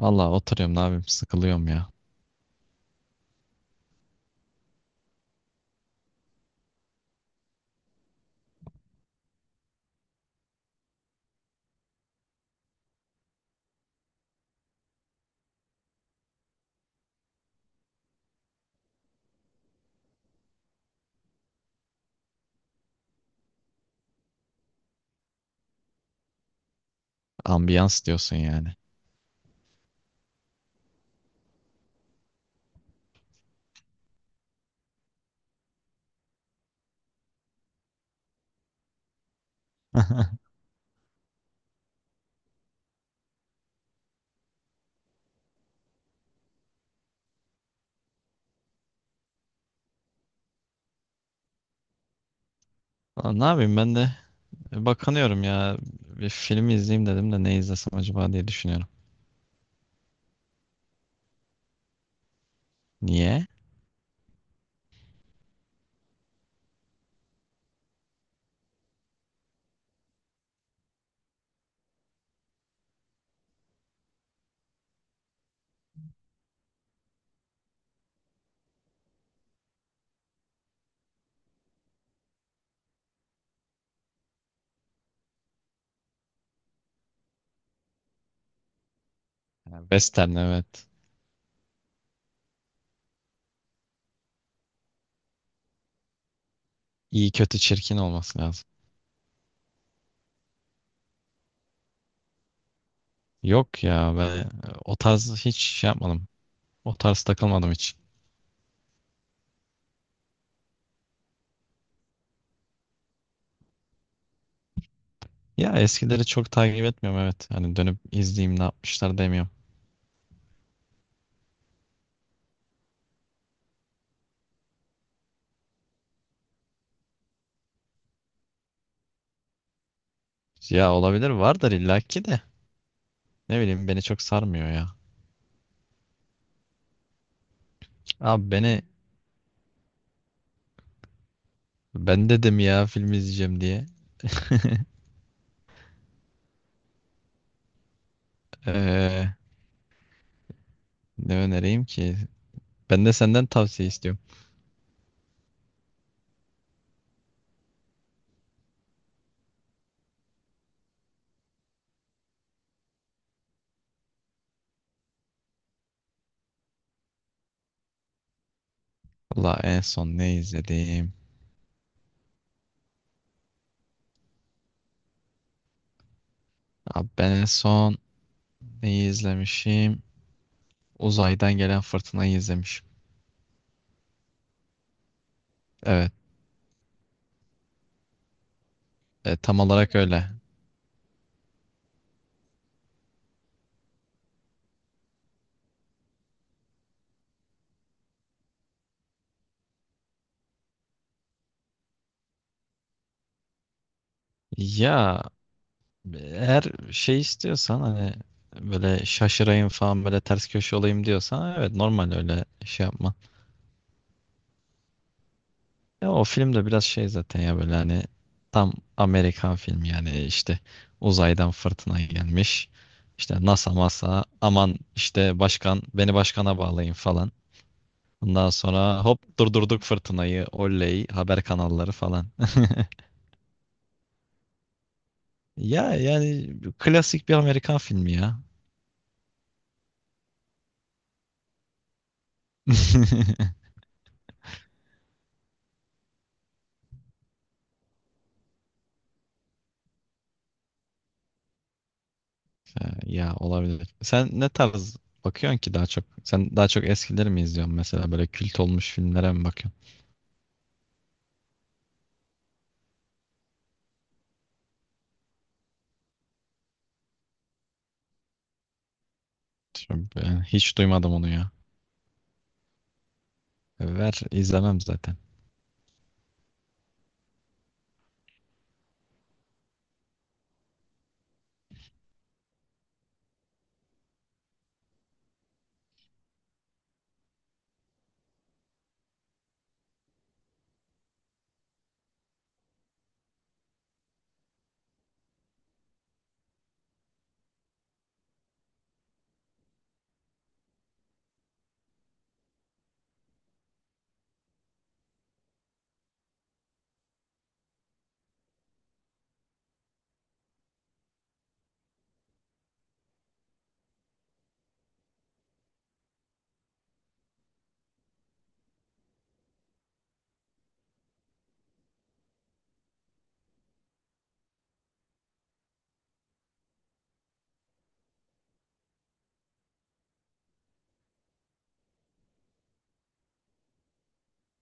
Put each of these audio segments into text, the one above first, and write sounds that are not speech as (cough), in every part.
Valla oturuyorum ne yapayım sıkılıyorum ya. Ambiyans diyorsun yani. (laughs) Valla ne yapayım ben de bakınıyorum ya. Bir film izleyeyim dedim de ne izlesem acaba diye düşünüyorum. Niye? Ha, Western evet. İyi kötü çirkin olması lazım. Yok ya ben o tarz hiç şey yapmadım. O tarz takılmadım hiç. Ya eskileri çok takip etmiyorum evet. Hani dönüp izleyeyim ne yapmışlar demiyorum. Ya olabilir vardır illaki de. Ne bileyim beni çok sarmıyor ya. Abi beni Ben dedim ya film izleyeceğim diye. (laughs) Ee, Ne önereyim ki? Ben de senden tavsiye istiyorum. Valla en son ne izledim? Abi ben en son Neyi izlemişim? Uzaydan gelen fırtınayı izlemişim. Evet, tam olarak öyle. Ya eğer şey istiyorsan hani böyle şaşırayım falan böyle ters köşe olayım diyorsan evet normal öyle şey yapma. Ya o film de biraz şey zaten ya böyle hani tam Amerikan filmi yani işte uzaydan fırtına gelmiş. İşte NASA masa aman işte başkan beni başkana bağlayın falan. Ondan sonra hop durdurduk fırtınayı oley haber kanalları falan. (laughs) Ya yani klasik bir Amerikan filmi ya. (laughs) Ya ya olabilir. Sen ne tarz bakıyorsun ki daha çok? Sen daha çok eskileri mi izliyorsun mesela böyle kült olmuş filmlere mi bakıyorsun? Çok- ben hiç duymadım onu ya. Ver izlemem zaten.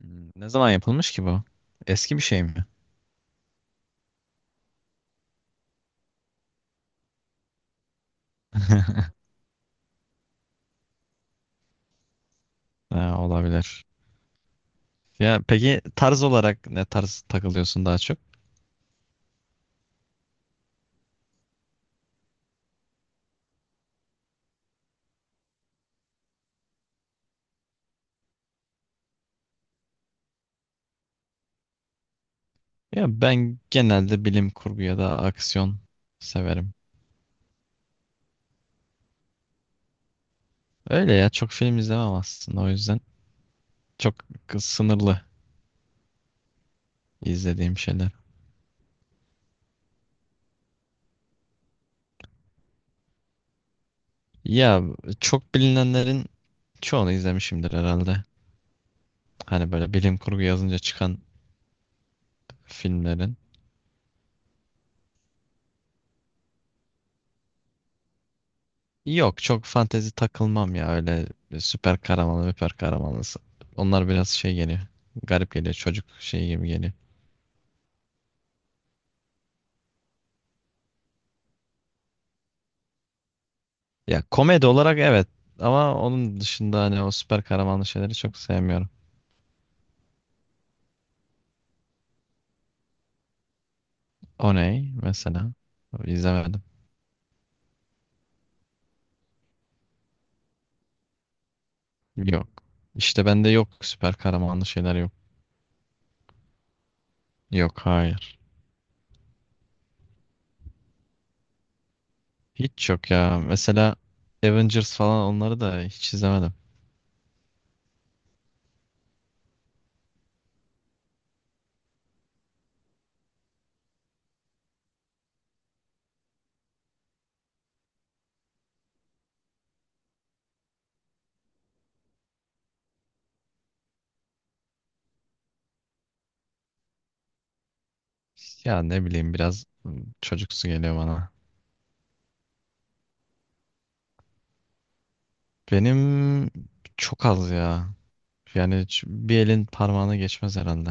Hmm, ne zaman yapılmış ki bu? Eski bir şey mi? (laughs) Ha, olabilir. Ya peki tarz olarak ne tarz takılıyorsun daha çok? Ya ben genelde bilim kurgu ya da aksiyon severim. Öyle ya çok film izlemem aslında o yüzden çok sınırlı izlediğim şeyler. Ya çok bilinenlerin çoğunu izlemişimdir herhalde. Hani böyle bilim kurgu yazınca çıkan filmlerin. Yok çok fantezi takılmam ya öyle süper kahramanlı, süper kahramanlı. Onlar biraz şey geliyor. Garip geliyor çocuk şey gibi geliyor. Ya komedi olarak evet ama onun dışında hani o süper kahramanlı şeyleri çok sevmiyorum. O ne mesela? İzlemedim. Yok. İşte bende yok süper kahramanlı şeyler yok. Yok hayır. Hiç yok ya. Mesela Avengers falan onları da hiç izlemedim. Ya ne bileyim biraz çocuksu geliyor bana. Benim çok az ya. Yani hiç bir elin parmağına geçmez herhalde.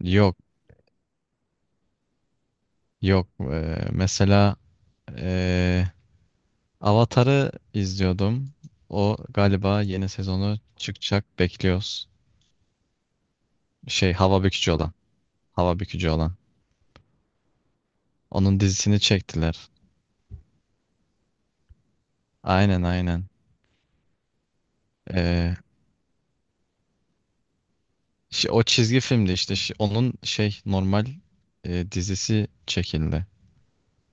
Yok, yok. Mesela ee, Avatar'ı izliyordum. O galiba yeni sezonu çıkacak bekliyoruz. Şey hava bükücü olan. Hava bükücü olan. Onun dizisini çektiler. Aynen aynen. Ee, O çizgi filmdi işte. Onun şey normal dizisi çekildi.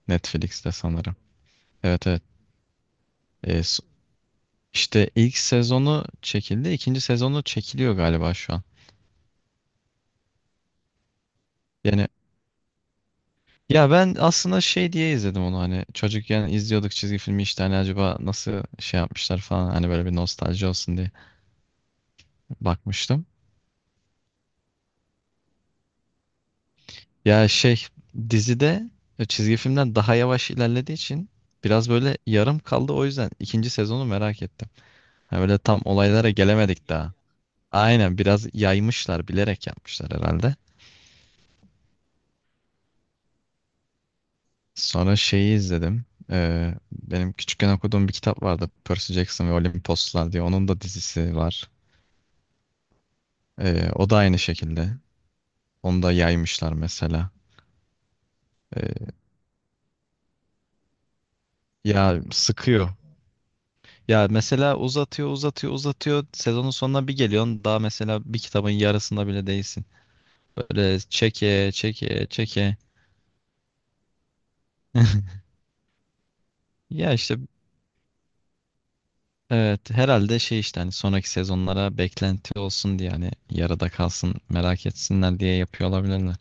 Netflix'te sanırım. Evet evet. Ee, s- işte ilk sezonu çekildi. İkinci sezonu çekiliyor galiba şu an. Yani ya ben aslında şey diye izledim onu hani çocukken izliyorduk çizgi filmi işte hani acaba nasıl şey yapmışlar falan hani böyle bir nostalji olsun diye bakmıştım. Ya şey dizide çizgi filmden daha yavaş ilerlediği için biraz böyle yarım kaldı o yüzden ikinci sezonu merak ettim. Ha böyle tam olaylara gelemedik daha. Aynen biraz yaymışlar bilerek yapmışlar herhalde. Sonra şeyi izledim. Benim küçükken okuduğum bir kitap vardı. Percy Jackson ve Olimposlar diye. Onun da dizisi var. O da aynı şekilde. Onu da yaymışlar mesela. Ee, Ya sıkıyor. Ya mesela uzatıyor, uzatıyor, uzatıyor. Sezonun sonuna bir geliyorsun. Daha mesela bir kitabın yarısında bile değilsin. Böyle çeke, çeke, çeke. (laughs) Ya işte evet herhalde şey işte hani sonraki sezonlara beklenti olsun diye hani yarıda kalsın merak etsinler diye yapıyor olabilirler.